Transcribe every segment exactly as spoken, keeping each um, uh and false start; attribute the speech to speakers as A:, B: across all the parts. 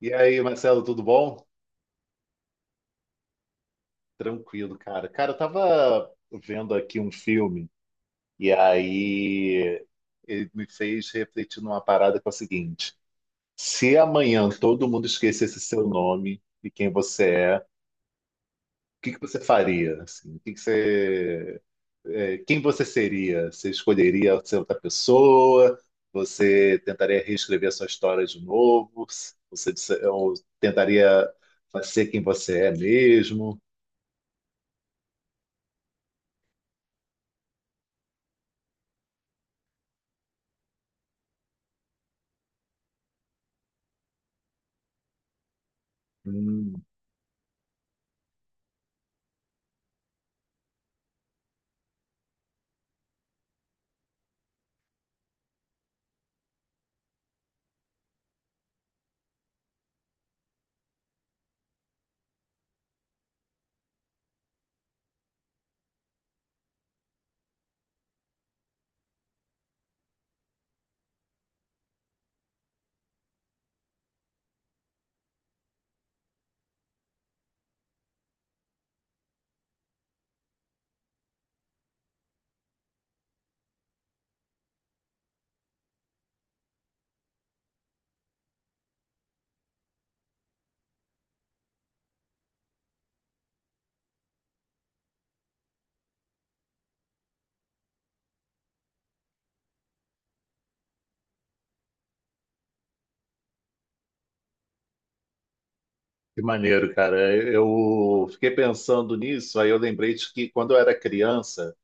A: E aí, Marcelo, tudo bom? Tranquilo, cara. Cara, eu tava vendo aqui um filme e aí ele me fez refletir numa parada que é o seguinte: se amanhã todo mundo esquecesse seu nome e quem você é, o que que você faria? Assim, o que que você, é, quem você seria? Você escolheria ser outra pessoa? Você tentaria reescrever a sua história de novo? Você disse- ou tentaria ser quem você é mesmo? Hum. Que maneiro, cara. Eu fiquei pensando nisso, aí eu lembrei de que quando eu era criança,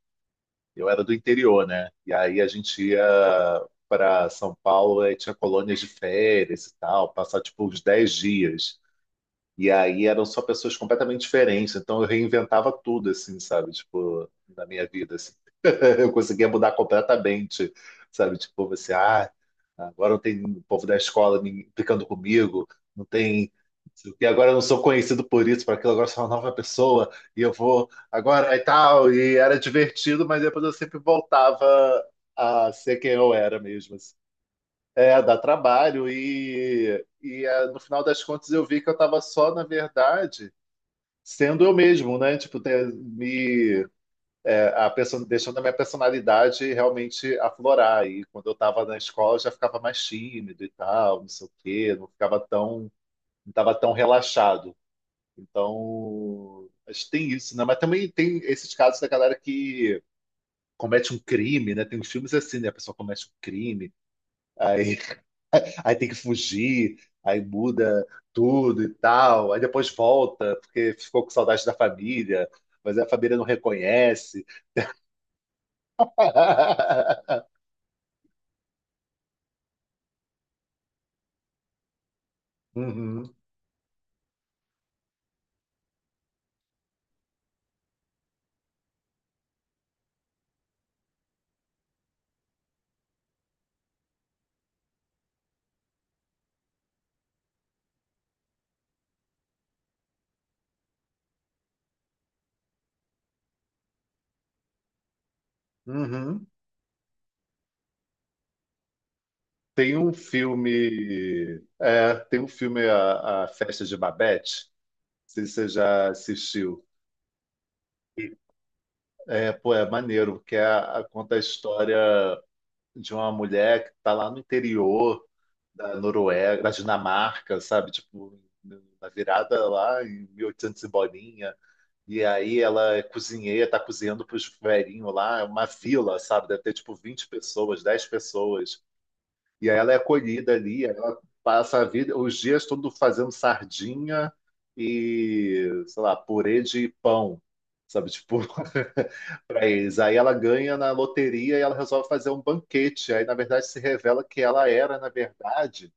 A: eu era do interior, né? E aí a gente ia para São Paulo e tinha colônias de férias e tal, passar tipo uns dez dias. E aí eram só pessoas completamente diferentes, então eu reinventava tudo, assim, sabe? Tipo, na minha vida, assim. Eu conseguia mudar completamente, sabe? Tipo, você, ah, agora não tem o povo da escola me- ficando comigo, não tem... E agora eu não sou conhecido por isso, por aquilo, agora eu sou uma nova pessoa, e eu vou agora e tal. E era divertido, mas depois eu sempre voltava a ser quem eu era mesmo, assim. É, dá trabalho. E, e ah, no final das contas eu vi que eu estava só, na verdade, sendo eu mesmo, né? Tipo, ter, me, é, a perso- deixando a minha personalidade realmente aflorar. E quando eu estava na escola eu já ficava mais tímido e tal, não sei o quê, não ficava tão, não estava tão relaxado. Então, acho que tem isso, né? Mas também tem esses casos da galera que comete um crime, né? Tem uns filmes assim, né? A pessoa comete um crime. Aí, aí tem que fugir, aí muda tudo e tal. Aí depois volta, porque ficou com saudade da família, mas a família não reconhece. Uhum, uhum. Tem um filme. É, tem um filme, A, a Festa de Babette. Não sei se você já assistiu. É, pô, é maneiro, porque a- a- conta a história de uma mulher que está lá no interior da Noruega, da Dinamarca, sabe? Tipo, na virada lá em mil e oitocentos e oitocentos e bolinha. E aí ela é cozinheira, tá cozinhando pros velhinhos lá, é uma vila, sabe? Deve ter tipo vinte pessoas, dez pessoas. E aí ela é acolhida ali, ela passa a vida, os dias todo fazendo sardinha e, sei lá, purê de pão. Sabe, tipo, para eles. Aí ela ganha na loteria e ela resolve fazer um banquete. Aí, na verdade, se revela que ela era, na verdade,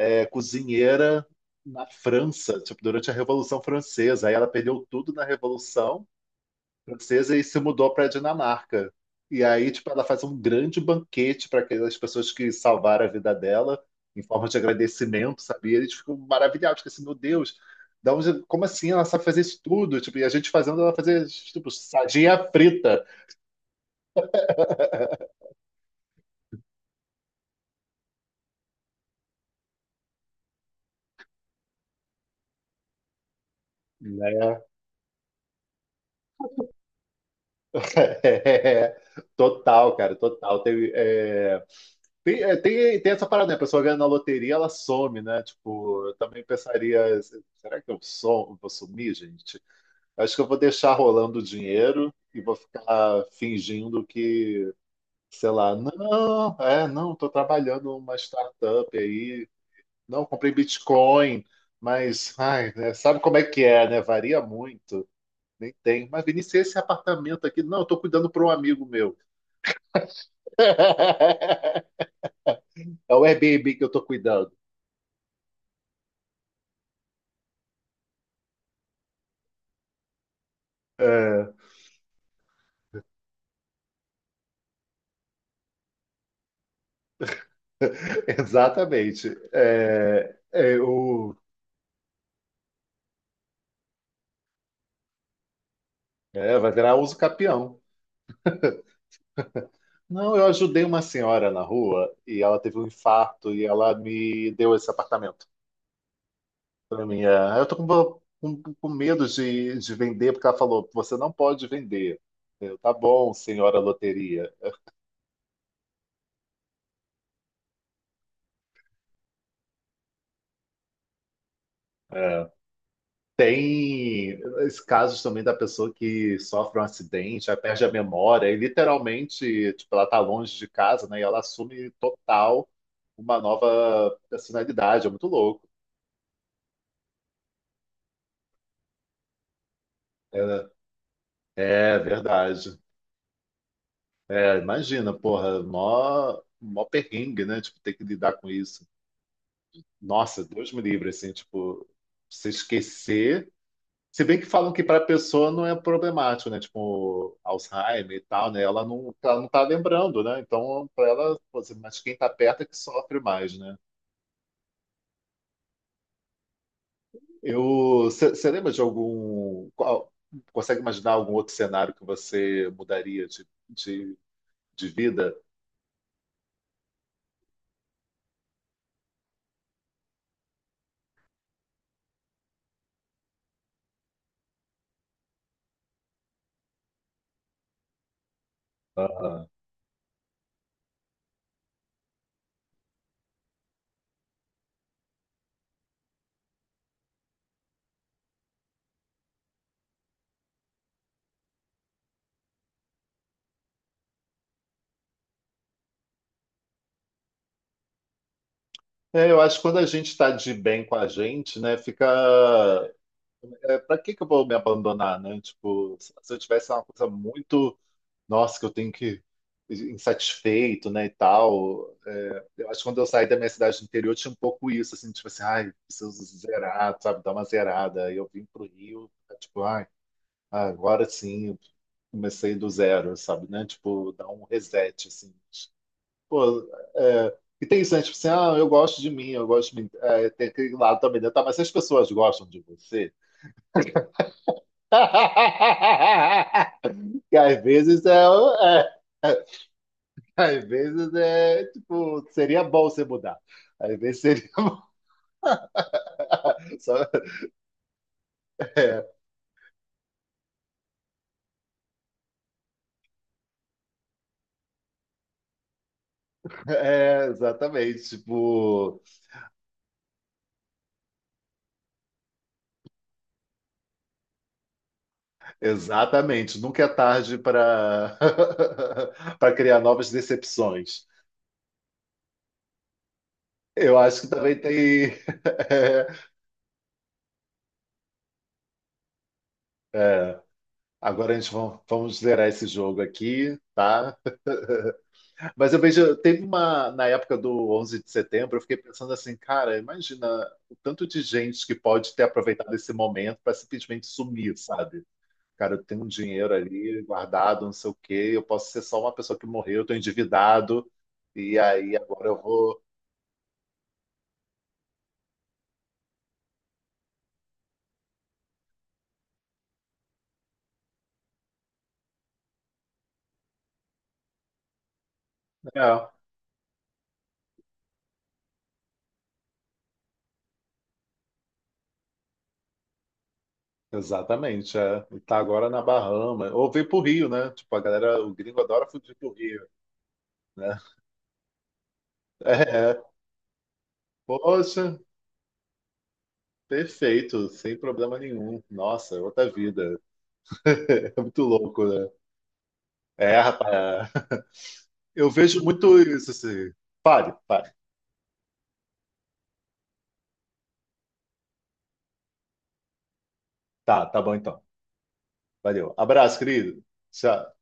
A: é cozinheira na França, tipo, durante a Revolução Francesa. Aí ela perdeu tudo na Revolução Francesa e se mudou para a Dinamarca. E aí, tipo, ela faz um grande banquete para aquelas pessoas que salvaram a vida dela, em forma de agradecimento, sabe? E eles ficam maravilhados, porque assim, meu Deus, da onde, como assim ela sabe fazer isso tudo? Tipo, e a gente fazendo ela fazer, tipo, sardinha frita, né? É, total, cara, total. Tem, é, Tem, é, tem, tem essa parada, né? A pessoa ganha na loteria, ela some, né? Tipo, eu também pensaria, será que eu som, vou sumir, gente? Acho que eu vou deixar rolando o dinheiro e vou ficar fingindo que, sei lá, não, é, não, tô trabalhando numa startup aí, não, comprei Bitcoin, mas, ai, né, sabe como é que é, né? Varia muito, nem tem. Mas, Vinícius, esse apartamento aqui, não, eu tô cuidando para um amigo meu. É o Airbnb que eu tô cuidando. É. Exatamente. É, é, o, é, vai virar uso capião. Não, eu ajudei uma senhora na rua e ela teve um infarto e ela me deu esse apartamento para mim. É, eu tô com, com, com medo de, de vender porque ela falou, você não pode vender. Eu, tá bom, senhora loteria. É, tem esses casos também da pessoa que sofre um acidente, aí perde a memória, e literalmente, tipo, ela tá longe de casa, né? E ela assume total uma nova personalidade. É muito louco. É, é verdade. É, imagina, porra, mó, mó perrengue, né? Tipo, ter que lidar com isso. Nossa, Deus me livre, assim, tipo, você esquecer. Se bem que falam que para a pessoa não é problemático, né? Tipo, Alzheimer e tal, né? Ela não, ela não tá lembrando, né? Então, para ela, pô, assim, mas quem tá perto é que sofre mais, né? Eu, você lembra de algum, qual- consegue imaginar algum outro cenário que você mudaria de, de, de vida? Aham. É, eu acho que quando a gente está de bem com a gente, né, fica. É, para que que eu vou me abandonar, né? Tipo, se eu tivesse uma coisa muito nossa, que eu tenho que insatisfeito, né, e tal. É, eu acho que quando eu saí da minha cidade do interior tinha um pouco isso, assim, tipo assim, ai, preciso zerar, sabe, dar uma zerada. Aí eu vim pro Rio, tá, tipo, ai, agora sim, comecei do zero, sabe, né, tipo, dar um reset, assim. Pô, é, e tem isso, né, tipo assim, ah, eu gosto de mim, eu gosto de mim. É, tem aquele lado também, né, tá, mas se as pessoas gostam de você, que às vezes é, é é Às vezes é tipo, seria bom você mudar. Às vezes seria bom. Só- é, é, exatamente. Tipo, exatamente. Nunca é tarde para para criar novas decepções. Eu acho que também tem. É, é. Agora a gente vamos, vamos zerar esse jogo aqui, tá? Mas eu vejo, teve uma, na época do onze de setembro, eu fiquei pensando assim, cara, imagina o tanto de gente que pode ter aproveitado esse momento para simplesmente sumir, sabe? Cara, eu tenho um dinheiro ali guardado, não sei o quê, eu posso ser só uma pessoa que morreu, eu tô endividado, e aí agora eu vou. É, exatamente, é. E tá agora na Bahama. Ou vem pro Rio, né? Tipo, a galera, o gringo adora fugir pro Rio, né? É, é. Poxa, perfeito, sem problema nenhum. Nossa, é outra vida. É muito louco, né? É, rapaz. Eu vejo muito isso, assim. Pare, pare. Tá, tá bom então. Valeu. Abraço, querido. Tchau.